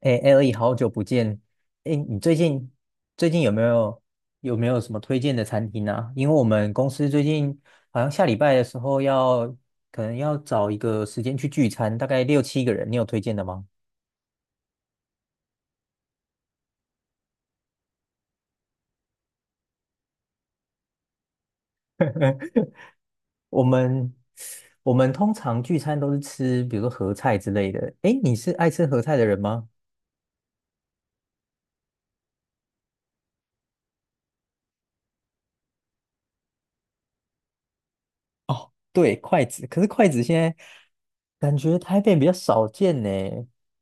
哎 l e 好久不见！哎，你最近有没有有没有什么推荐的餐厅啊？因为我们公司最近好像下礼拜的时候要可能要找一个时间去聚餐，大概六七个人，你有推荐的吗？我们我们通常聚餐都是吃，比如说合菜之类的。哎，你是爱吃合菜的人吗？对，筷子，可是筷子现在感觉台北比较少见呢。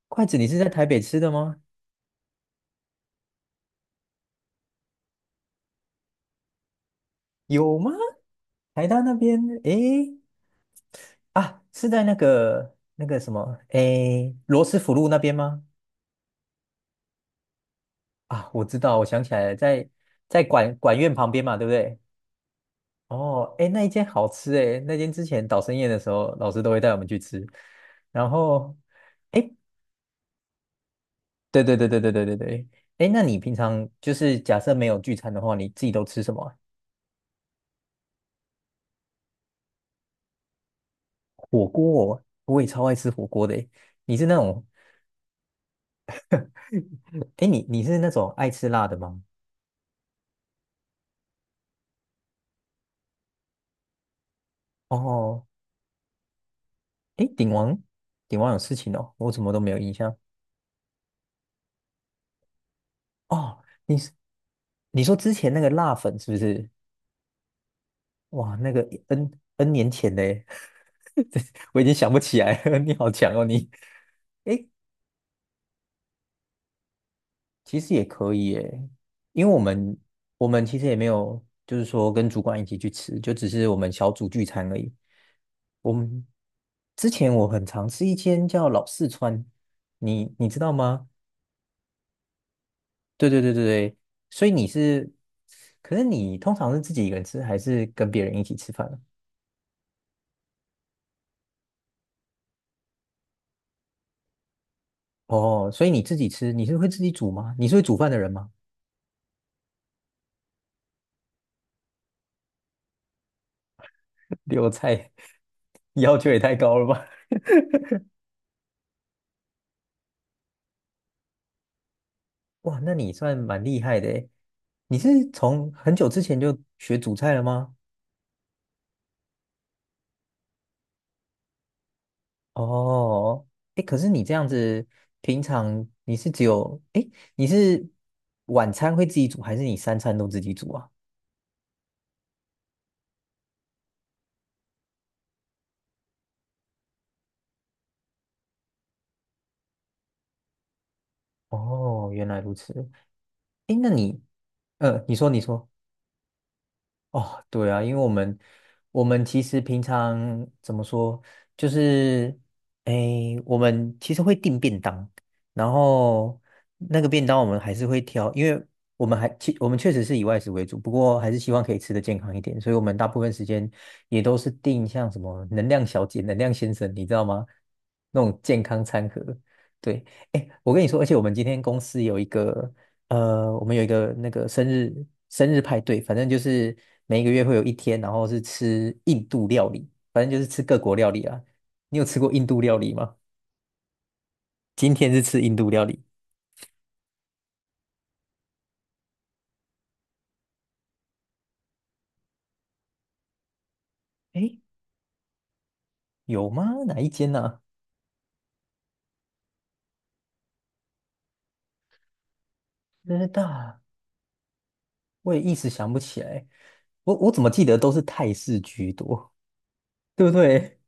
筷子，你是在台北吃的吗？有吗？台大那边，诶，啊，是在那个什么，诶，罗斯福路那边吗？啊，我知道，我想起来了，在管院旁边嘛，对不对？哦，诶，那一间好吃诶，那间之前导生宴的时候，老师都会带我们去吃。然后，诶，对对对对对对对对，诶，那你平常就是假设没有聚餐的话，你自己都吃什么啊？火锅哦，我也超爱吃火锅的诶。你是那种，诶，你是那种爱吃辣的吗？哦，诶，鼎王，鼎王有事情哦，我怎么都没有印象。哦，你是你说之前那个辣粉是不是？哇，那个 N 年前嘞，这我已经想不起来了。你好强哦，你。诶，其实也可以诶，因为我们其实也没有，就是说跟主管一起去吃，就只是我们小组聚餐而已。我们之前我很常吃一间叫老四川，你知道吗？对对对对对，所以你是，可是你通常是自己一个人吃，还是跟别人一起吃饭啊？哦，所以你自己吃，你是会自己煮吗？你是会煮饭的人吗？留菜 要求也太高了吧？哇，那你算蛮厉害的诶。你是从很久之前就学煮菜了吗？哦，哎，可是你这样子，平常你是只有，哎，你是晚餐会自己煮，还是你三餐都自己煮啊？哦，原来如此。哎，那你，你说，你说。哦，对啊，因为我们其实平常怎么说，就是诶，我们其实会订便当，然后那个便当我们还是会挑，因为我们确实是以外食为主，不过还是希望可以吃的健康一点，所以我们大部分时间也都是订像什么能量小姐、能量先生，你知道吗？那种健康餐盒。对，哎，我跟你说，而且我们今天公司有一个我们有一个那个生日派对，反正就是每一个月会有一天，然后是吃印度料理，反正就是吃各国料理啊。你有吃过印度料理吗？今天是吃印度料理，诶，有吗？哪一间呢？真道大，我也一时想不起来。我怎么记得都是泰式居多，对不对？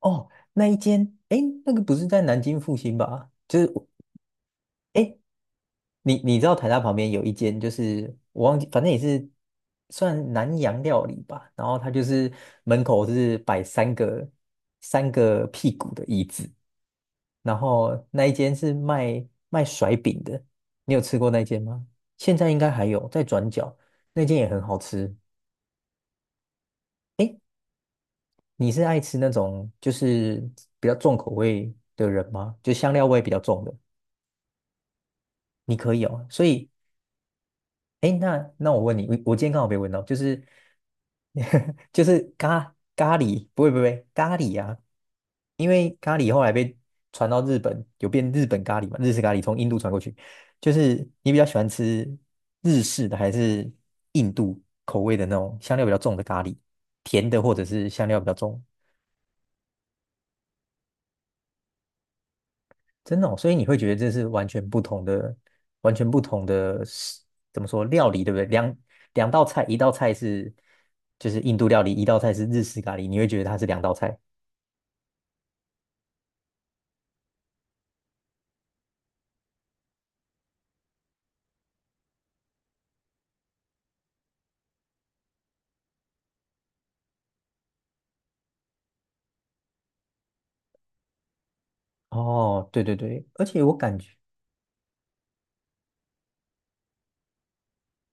哦，那一间，诶，那个不是在南京复兴吧？就是，诶，你知道台大旁边有一间，就是我忘记，反正也是算南洋料理吧。然后它就是门口是摆三个屁股的椅子，然后那一间是卖甩饼的。你有吃过那间吗？现在应该还有，在转角那间也很好吃。诶，你是爱吃那种就是比较重口味的人吗？就香料味比较重的，你可以哦。所以哎，那那我问你，我今天刚好被问到，就是 就是咖喱，不会不会咖喱啊，因为咖喱后来被传到日本，有变日本咖喱嘛，日式咖喱从印度传过去。就是你比较喜欢吃日式的还是印度口味的那种香料比较重的咖喱，甜的或者是香料比较重？真的哦，所以你会觉得这是完全不同的，完全不同的食，怎么说料理，对不对？两道菜，一道菜是就是印度料理，一道菜是日式咖喱，你会觉得它是两道菜。哦，对对对，而且我感觉，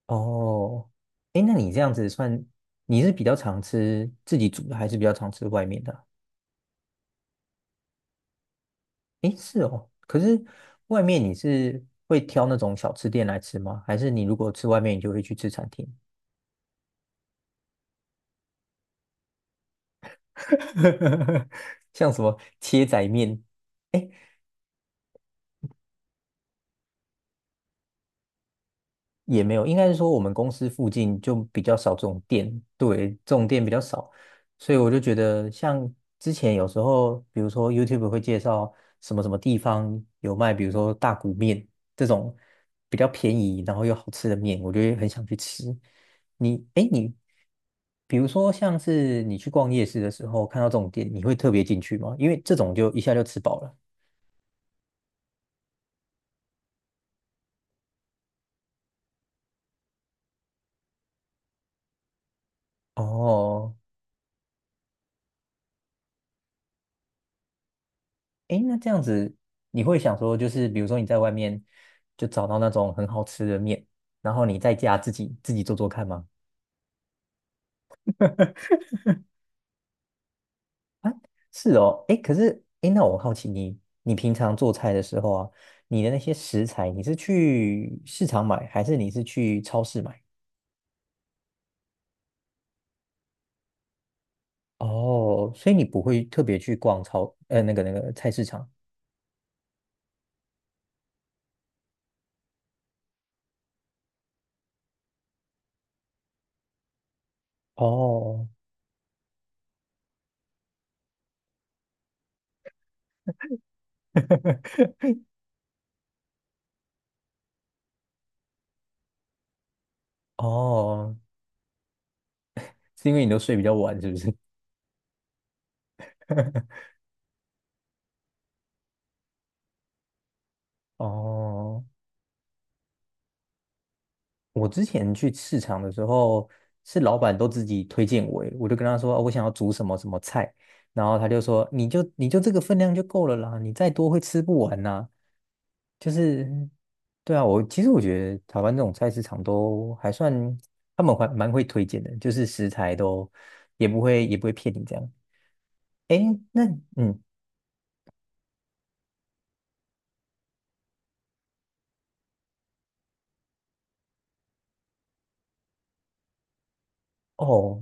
哦，诶，那你这样子算，你是比较常吃自己煮的，还是比较常吃外面的啊？诶，是哦，可是外面你是会挑那种小吃店来吃吗？还是你如果吃外面，你就会去吃餐厅？像什么切仔面，哎，也没有，应该是说我们公司附近就比较少这种店，对，这种店比较少，所以我就觉得像之前有时候，比如说 YouTube 会介绍什么什么地方有卖，比如说大骨面这种比较便宜然后又好吃的面，我就会很想去吃。你，哎，你，比如说像是你去逛夜市的时候看到这种店，你会特别进去吗？因为这种就一下就吃饱了。哦，诶，那这样子，你会想说，就是比如说你在外面就找到那种很好吃的面，然后你在家自己做做看吗？是哦，诶，可是诶，那我好奇你，你平常做菜的时候啊，你的那些食材，你是去市场买，还是你是去超市买？哦，所以你不会特别去逛超，那个菜市场。哦，哦，是因为你都睡比较晚，是不是？哦。我之前去市场的时候，是老板都自己推荐我耶，我就跟他说，哦我想要煮什么什么菜，然后他就说，你就这个分量就够了啦，你再多会吃不完呐。就是，对啊，我其实我觉得台湾这种菜市场都还算，他们还蛮会推荐的，就是食材都也不会也不会骗你这样。诶，那嗯，哦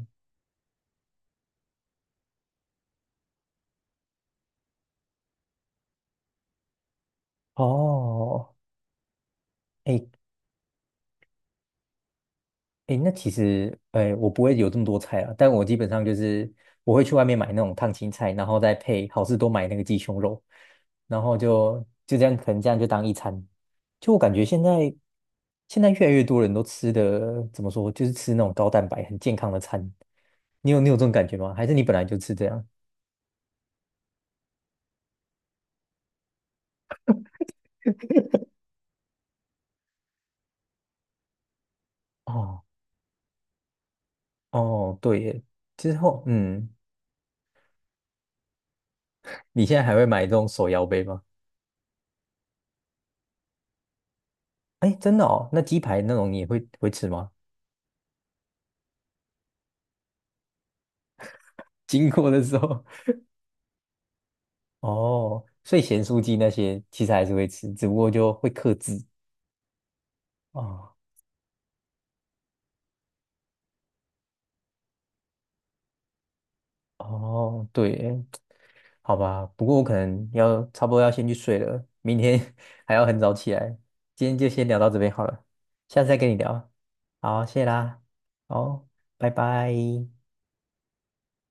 哦，诶，诶，那其实，诶，我不会有这么多菜啊，但我基本上就是我会去外面买那种烫青菜，然后再配好事多买那个鸡胸肉，然后就就这样，可能这样就当一餐。就我感觉现在越来越多人都吃的怎么说，就是吃那种高蛋白很健康的餐。你有这种感觉吗？还是你本来就吃这样？哦哦，对耶，之后嗯，你现在还会买这种手摇杯吗？哎，真的哦，那鸡排那种你也会会吃吗？经过的时候。哦，所以咸酥鸡那些其实还是会吃，只不过就会克制。哦哦，对耶，好吧，不过我可能差不多要先去睡了，明天 还要很早起来。今天就先聊到这边好了，下次再跟你聊。好，谢啦，好，拜拜。